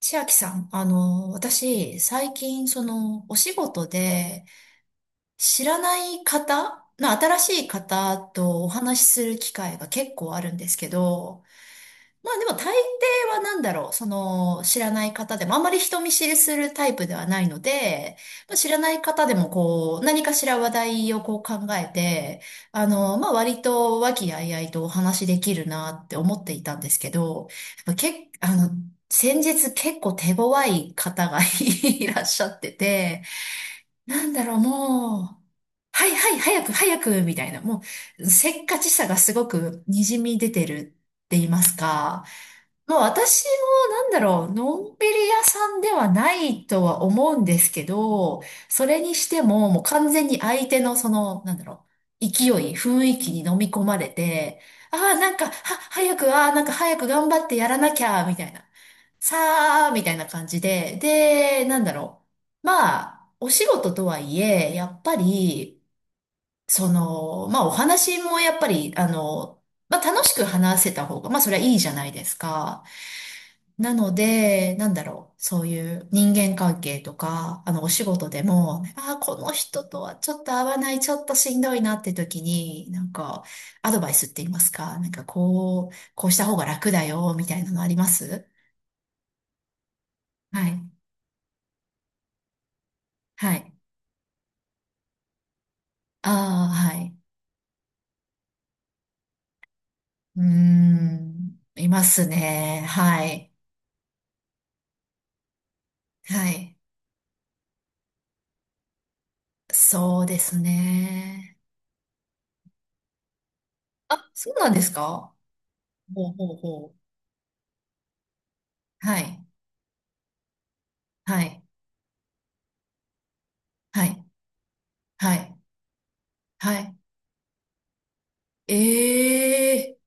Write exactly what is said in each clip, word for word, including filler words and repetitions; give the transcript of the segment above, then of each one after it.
千秋さん、あの、私、最近、その、お仕事で、知らない方、まあ、新しい方とお話しする機会が結構あるんですけど、まあでも大抵はなんだろう、その知らない方でもあんまり人見知りするタイプではないので、まあ、知らない方でもこう何かしら話題をこう考えて、あの、まあ割と和気あいあいとお話しできるなって思っていたんですけど、やっぱけっ、あの、先日結構手強い方が いらっしゃってて、なんだろう、もう、はいはい早く早くみたいな、もうせっかちさがすごくにじみ出てるって言いますか、もう私もなんだろう、のんびり屋さんではないとは思うんですけど、それにしてももう完全に相手のその、なんだろう、勢い、雰囲気に飲み込まれて、ああ、なんか、は、早く、ああ、なんか早く頑張ってやらなきゃ、みたいな、さあ、みたいな感じで、で、なんだろう。まあ、お仕事とはいえ、やっぱり、その、まあお話もやっぱり、あの、まあ楽しく話せた方が、まあそれはいいじゃないですか。なので、なんだろう、そういう人間関係とか、あの、お仕事でも、ああ、この人とはちょっと合わない、ちょっとしんどいなって時に、なんか、アドバイスって言いますか、なんかこう、こうした方が楽だよ、みたいなのありますはい。はい。ああ、はい。うーん、いますね。はい。はい。そうですね。あ、そうなんですかほうほうほう。はい。はい。はい。はい。はい。ええ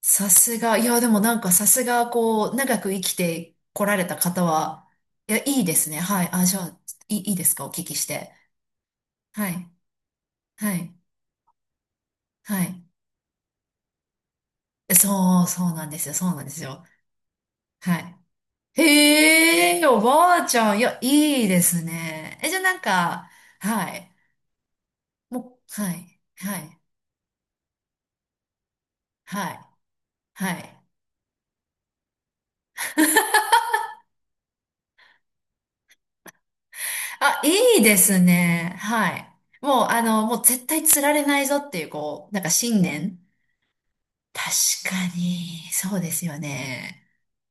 さすが。いや、でもなんかさすが、こう、長く生きてこられた方は、いや、いいですね。はい。あ、じゃあ、いい、いいですかお聞きして。はい。はい。はい。えそう、そうなんですよ。そうなんですよ。はい。へえ、おばあちゃん。いや、いいですね。え、じゃあなんか、はい。もう、はい。はい。はい。はい。あ、いいですね。はい。もう、あの、もう絶対釣られないぞっていう、こう、なんか信念。確かに、そうですよね。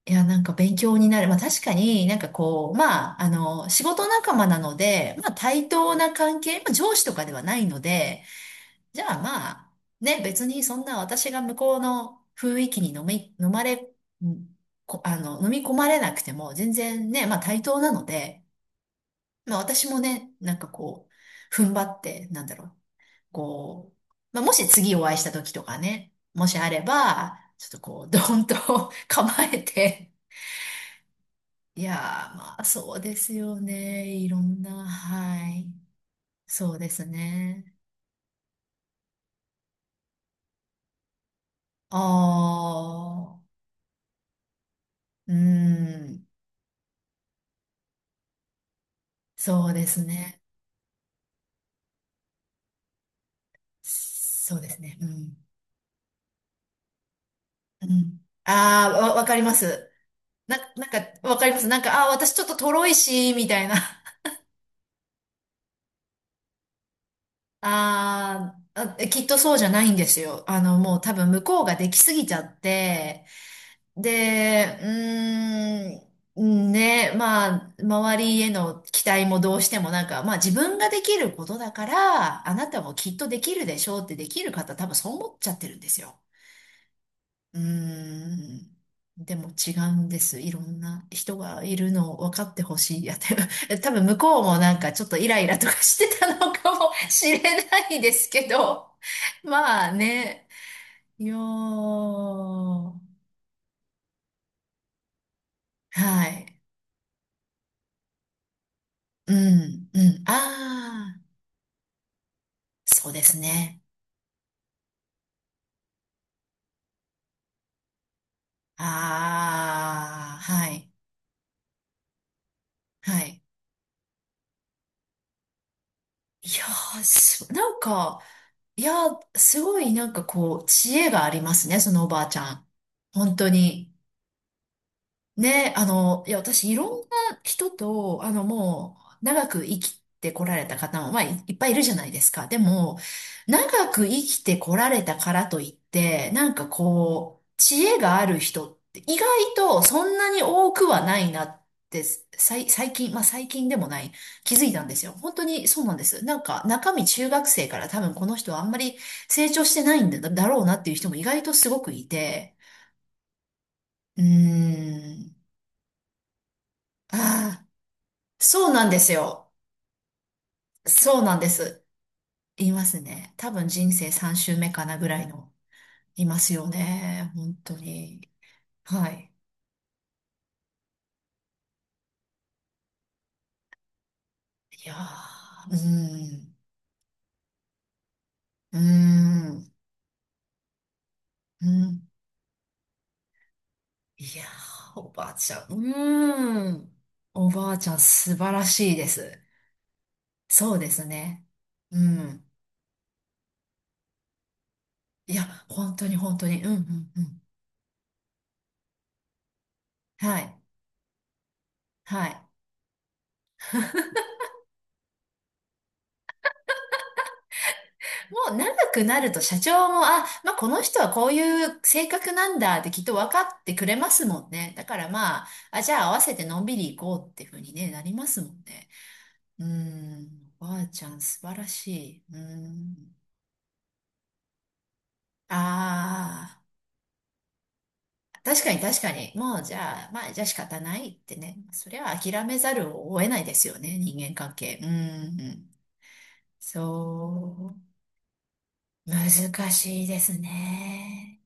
いや、なんか勉強になる。まあ確かになんかこう、まあ、あの、仕事仲間なので、まあ対等な関係、まあ上司とかではないので、じゃあまあ、ね、別にそんな私が向こうの雰囲気に飲み、飲まれ、うんこ、あの、飲み込まれなくても全然ね、まあ対等なので、まあ私もね、なんかこう、踏ん張って、なんだろう。こう、まあ、もし次お会いした時とかね、もしあれば、ちょっとこう、ドーンと 構えて、いやー、まあ、そうですよね。いろんな、はい。そうですね。ああ、うん。そうですね。そうですね。うん。うん。ああ、わ、わかります。な、なんか、わかります。なんか、ああ、私ちょっととろいし、みたいな。あーあ、きっとそうじゃないんですよ。あの、もう多分向こうができすぎちゃって、で、うーん、ね、まあ、周りへの期待もどうしてもなんか、まあ自分ができることだから、あなたもきっとできるでしょうってできる方多分そう思っちゃってるんですよ。うーん。でも違うんです。いろんな人がいるのを分かってほしい。やって 多分向こうもなんかちょっとイライラとかしてたのかもしれないですけど。まあね。いやー。はい。うん、うん。ああ、そうですね。ああ、はい、はい。いやー、すなんか、いやー、すごいなんかこう、知恵がありますね、そのおばあちゃん。本当に。ね、あの、いや、私、いろんな人と、あの、もう、長く生きてこられた方も、まあ、いいっぱいいるじゃないですか。でも、長く生きてこられたからといって、なんかこう、知恵がある人って意外とそんなに多くはないなって、さい、最近、まあ最近でもない、気づいたんですよ。本当にそうなんです。なんか中身中学生から多分この人はあんまり成長してないんだ、だろうなっていう人も意外とすごくいて、うーん。ああ。そうなんですよ。そうなんです。いますね。多分人生さん周目かなぐらいの、いますよね。本当に。はい。いやー、うーん、うーん、うん。いやー、おばあちゃん、うーん。おばあちゃん、素晴らしいです。そうですね。うん。いや、本当に本当に。うん、うん、うん。はい。はい。もう長くなると社長も、あ、まあこの人はこういう性格なんだってきっと分かってくれますもんね。だからまあ、あ、じゃあ合わせてのんびり行こうっていうふうにね、なりますもんね。うーん、おばあちゃん素晴らしい。うーん。ああ、確かに確かに。もうじゃあ、まあじゃあ仕方ないってね。それは諦めざるを得ないですよね、人間関係。うーん、そう。難しいですね。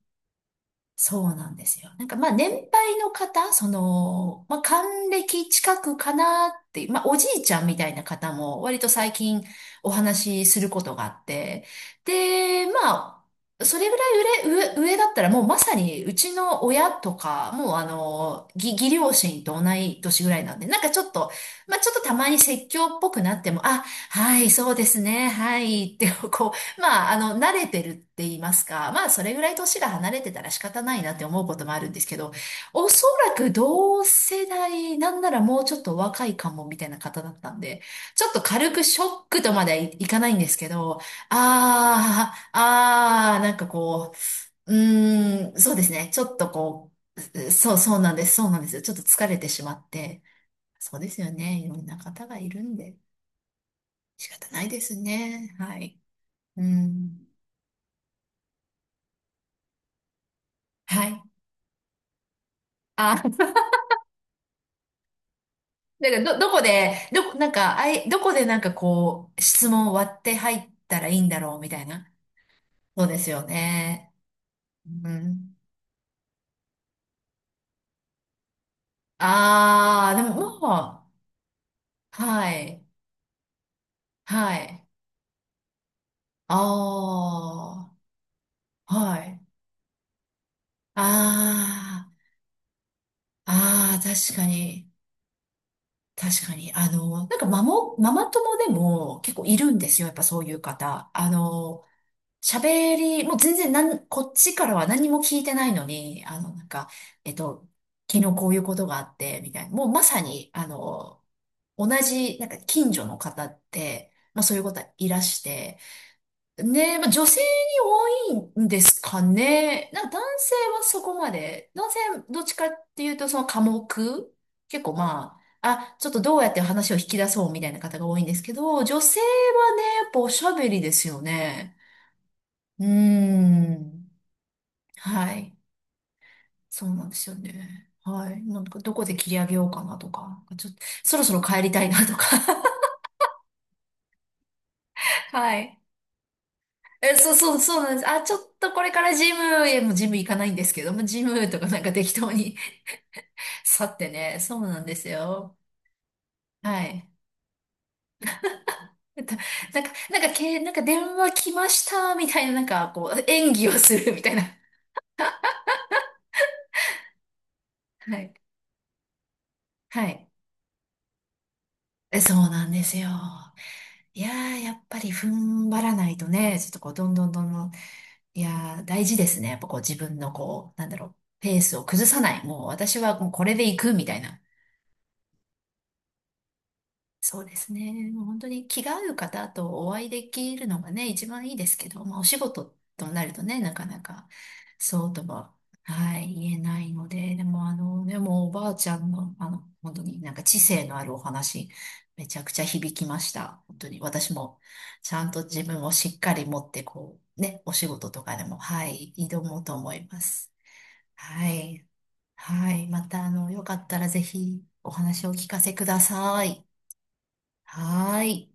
そうなんですよ。なんかまあ年配の方、その、まあ還暦近くかなっていう、まあおじいちゃんみたいな方も割と最近お話しすることがあって、で、まあ、それぐらい上、上、上だったらもうまさにうちの親とか、もうあの、義、義両親と同い年ぐらいなんで、なんかちょっと、まあちょっとたまに説教っぽくなっても、あ、はい、そうですね、はい、ってこう、まあ、あの、慣れてるって言いますか、まあ、それぐらい年が離れてたら仕方ないなって思うこともあるんですけど、おそらく同世代、なんならもうちょっと若いかもみたいな方だったんで、ちょっと軽くショックとまではい、いかないんですけど、あー、あー、なんかこう、うーん、そうですね、ちょっとこう、そう、そうなんです、そうなんですよ。ちょっと疲れてしまって、そうですよね、いろんな方がいるんで、仕方ないですね、はい。うん。はい。あ、なんかど、どこで、どこ、なんか、あい、どこでなんかこう、質問を割って入ったらいいんだろうみたいな。そうですよね。うん。ああ、でももう、はい、はい。ああ、はい。ああ、ああ、確かに、確かに。あの、なんかママ、ママ友でも結構いるんですよ。やっぱそういう方。あの、喋り、もう全然なん、こっちからは何も聞いてないのに、あの、なんか、えっと、昨日こういうことがあって、みたいな。もうまさに、あの、同じ、なんか近所の方って、まあそういう方いらして。ね、まあ女性に多いんですかね。なんか男性はそこまで、男性はどっちかっていうとその寡黙結構まあ、あ、ちょっとどうやって話を引き出そうみたいな方が多いんですけど、女性はね、やっぱおしゃべりですよね。うーん。はい。そうなんですよね。はい。なんか、どこで切り上げようかなとか、ちょっと、そろそろ帰りたいなとか。はい。え、そうそう、そうなんです。あ、ちょっとこれからジムへもうジム行かないんですけども、ジムとかなんか適当に 去ってね。そうなんですよ。はい。たなんか、なんか、け、なんか電話来ました、みたいな、なんか、こう、演技をするみたいな。はい。はい。えそうなんですよ。いやー、やっぱり踏ん張らないとね、ちょっとこう、どんどんどんどん、いやー、大事ですね。やっぱこう、自分のこう、なんだろう、ペースを崩さない。もう私はもうこれで行くみたいな。そうですね。もう本当に気が合う方とお会いできるのがね、一番いいですけど、まあお仕事となるとね、なかなかそうとは、はい、言えないので、でもあの、でもおばあちゃんの、あの、本当になんか知性のあるお話、めちゃくちゃ響きました。本当に私もちゃんと自分をしっかり持って、こう、ね、お仕事とかでも、はい、挑もうと思います。はい。はい。また、あの、よかったらぜひお話をお聞かせください。はい。